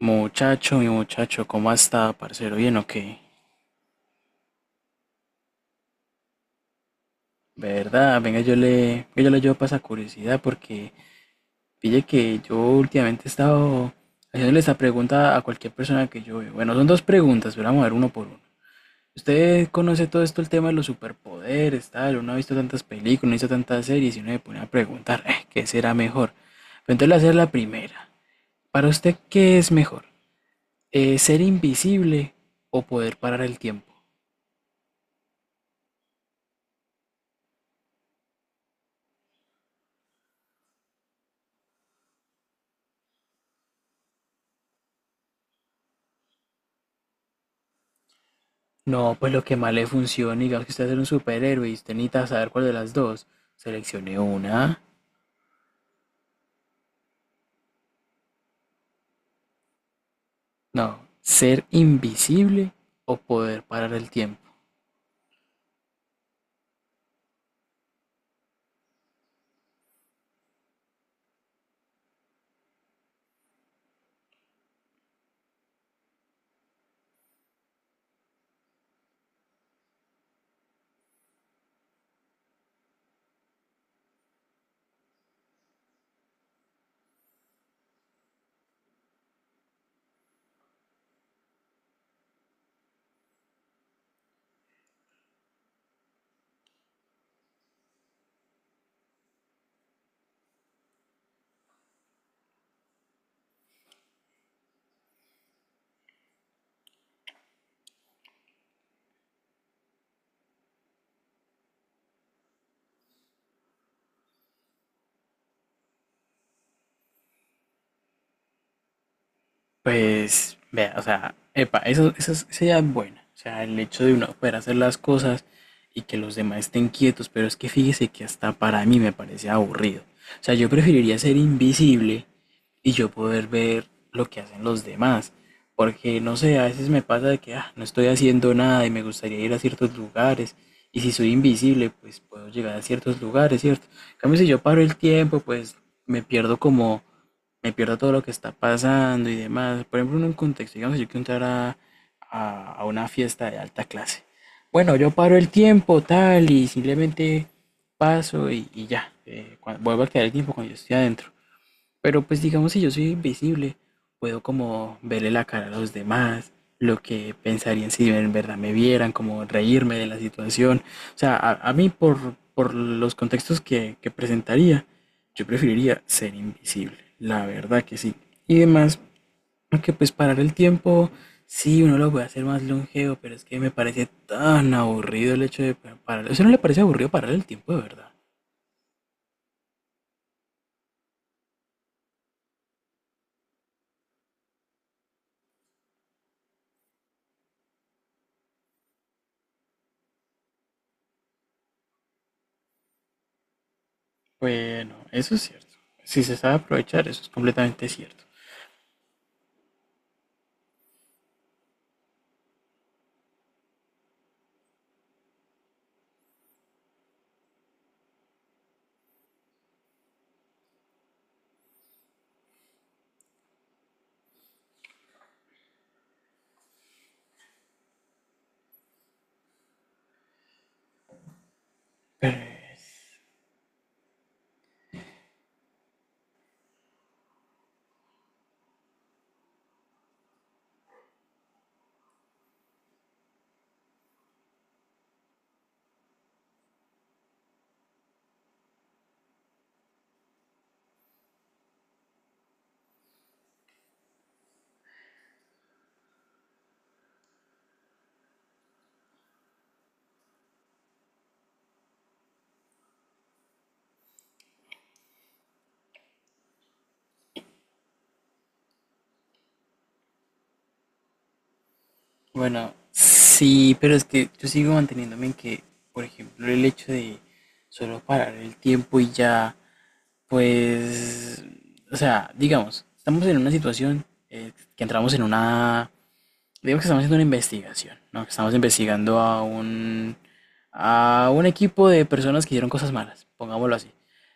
Muchacho, mi muchacho, ¿cómo está, parcero? ¿Bien o qué? ¿Verdad? Venga, yo le llevo para esa curiosidad porque pille que yo últimamente he estado haciéndole esta pregunta a cualquier persona que yo veo. Bueno, son dos preguntas, pero vamos a ver uno por uno. ¿Usted conoce todo esto, el tema de los superpoderes, tal? Uno ha visto tantas películas, no ha visto tantas series y uno se pone a preguntar, "¿Qué será mejor?" Pero entonces le voy a hacer la primera. ¿Para usted qué es mejor? ¿Ser invisible o poder parar el tiempo? No, pues lo que más le funcione, digamos que usted es un superhéroe y usted necesita saber cuál de las dos. Seleccione una. No, ser invisible o poder parar el tiempo. Pues, vea, o sea, epa, esa idea es buena. O sea, el hecho de uno poder hacer las cosas y que los demás estén quietos, pero es que fíjese que hasta para mí me parece aburrido. O sea, yo preferiría ser invisible y yo poder ver lo que hacen los demás. Porque no sé, a veces me pasa de que ah, no estoy haciendo nada y me gustaría ir a ciertos lugares. Y si soy invisible, pues puedo llegar a ciertos lugares, ¿cierto? En cambio, si yo paro el tiempo, pues me pierdo como, me pierdo todo lo que está pasando y demás. Por ejemplo, en un contexto, digamos, yo quiero entrar a una fiesta de alta clase. Bueno, yo paro el tiempo, tal, y simplemente paso y ya. Vuelvo a quedar el tiempo cuando yo estoy adentro. Pero pues digamos si yo soy invisible, puedo como verle la cara a los demás, lo que pensarían si en verdad me vieran, como reírme de la situación. O sea, a mí por los contextos que presentaría, yo preferiría ser invisible, la verdad que sí. Y además, aunque pues parar el tiempo, sí, uno lo puede hacer más longevo, pero es que me parece tan aburrido el hecho de parar. ¿A usted no le parece aburrido parar el tiempo de verdad? Bueno, eso es cierto. Si se sabe aprovechar, eso es completamente cierto. Pero, bueno, sí, pero es que yo sigo manteniéndome en que por ejemplo, el hecho de solo parar el tiempo y ya, pues, o sea, digamos, estamos en una situación que entramos en una Digamos que estamos haciendo una investigación, ¿no? Que estamos investigando a a un equipo de personas que hicieron cosas malas, pongámoslo así.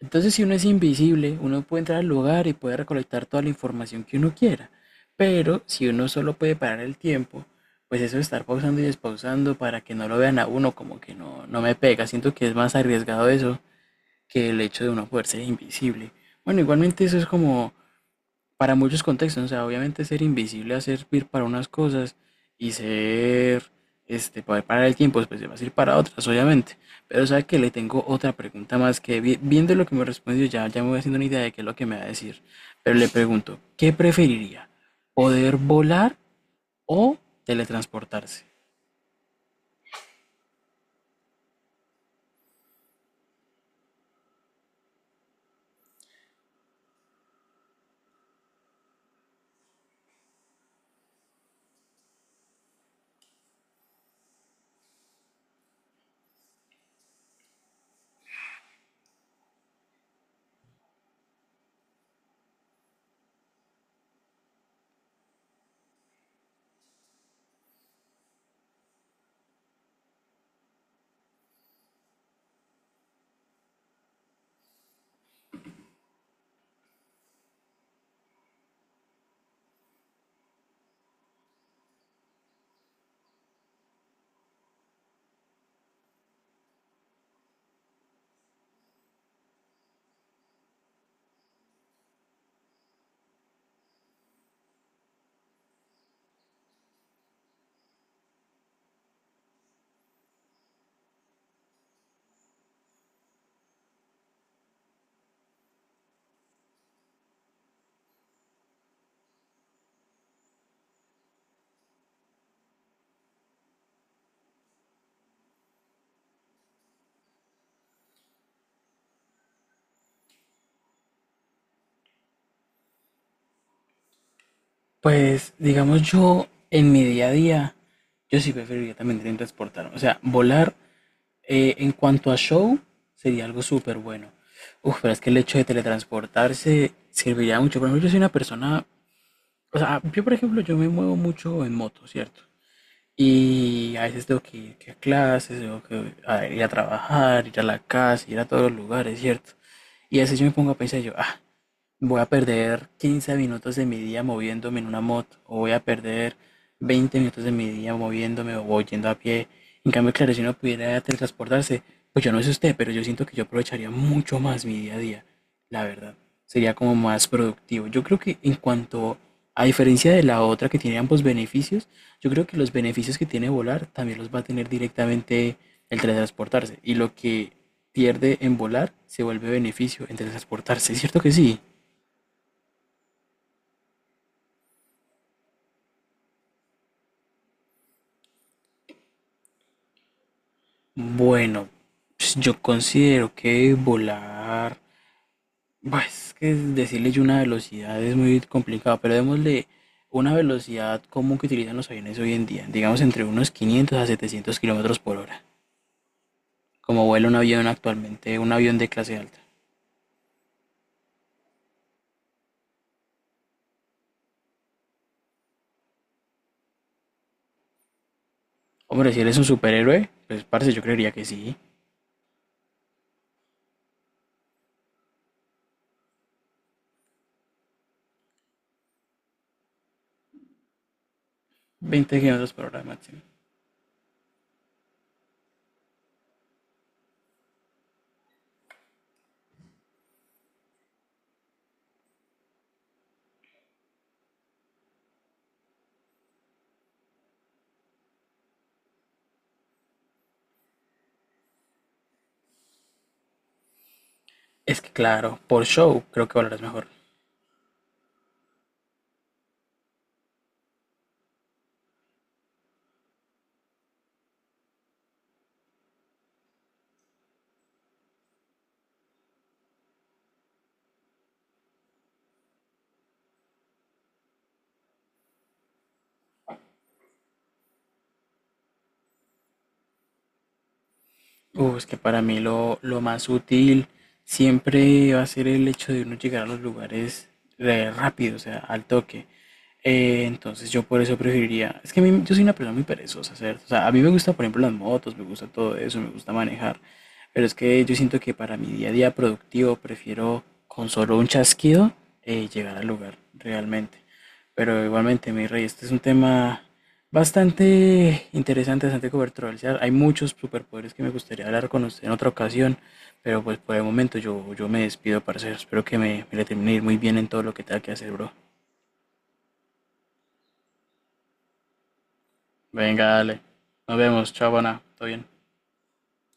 Entonces, si uno es invisible, uno puede entrar al lugar y puede recolectar toda la información que uno quiera. Pero si uno solo puede parar el tiempo, pues eso de estar pausando y despausando para que no lo vean a uno, como que no, no me pega. Siento que es más arriesgado eso que el hecho de uno poder ser invisible. Bueno, igualmente eso es como para muchos contextos, o sea, obviamente ser invisible va a servir para unas cosas y poder parar el tiempo, después va a ir para otras, obviamente. Pero sabe que le tengo otra pregunta más que viendo lo que me respondió ya me voy haciendo una idea de qué es lo que me va a decir. Pero le pregunto, ¿qué preferiría? ¿Poder volar o teletransportarse? Pues, digamos yo, en mi día a día, yo sí preferiría también teletransportarme. O sea, volar en cuanto a show, sería algo súper bueno. Uf, pero es que el hecho de teletransportarse serviría mucho. Por ejemplo, yo soy una persona, o sea, yo me muevo mucho en moto, ¿cierto? Y a veces tengo que ir que a clases, tengo que ir a trabajar, ir a la casa, ir a todos los lugares, ¿cierto? Y a veces yo me pongo a pensar yo, ah, voy a perder 15 minutos de mi día moviéndome en una moto, o voy a perder 20 minutos de mi día moviéndome o yendo a pie. En cambio, claro, si uno pudiera teletransportarse, pues yo no sé usted, pero yo siento que yo aprovecharía mucho más mi día a día, la verdad. Sería como más productivo. Yo creo que en cuanto, a diferencia de la otra que tiene ambos beneficios, yo creo que los beneficios que tiene volar también los va a tener directamente el teletransportarse. Y lo que pierde en volar se vuelve beneficio en teletransportarse, ¿cierto que sí? Bueno, pues, yo considero que volar, bah, es que decirle yo una velocidad es muy complicado, pero démosle una velocidad común que utilizan los aviones hoy en día, digamos entre unos 500 a 700 kilómetros por hora, como vuela un avión actualmente, un avión de clase alta. Hombre, si eres un superhéroe, pues parce, yo creería que sí, 20 kilómetros por hora máximo. Es que claro, por show creo que volarás mejor. Es que para mí lo más útil siempre va a ser el hecho de uno llegar a los lugares rápido, o sea, al toque. Entonces yo por eso preferiría, es que yo soy una persona muy perezosa, ¿cierto? O sea, a mí me gusta, por ejemplo, las motos, me gusta todo eso, me gusta manejar, pero es que yo siento que para mi día a día productivo prefiero con solo un chasquido llegar al lugar realmente. Pero igualmente, mi rey, este es un tema bastante interesante, bastante controversial. Hay muchos superpoderes que me gustaría hablar con usted en otra ocasión, pero pues por el momento yo me despido, parcero. Espero que me le termine de ir muy bien en todo lo que tenga que hacer, bro. Venga, dale. Nos vemos. Chao, buena. Todo bien.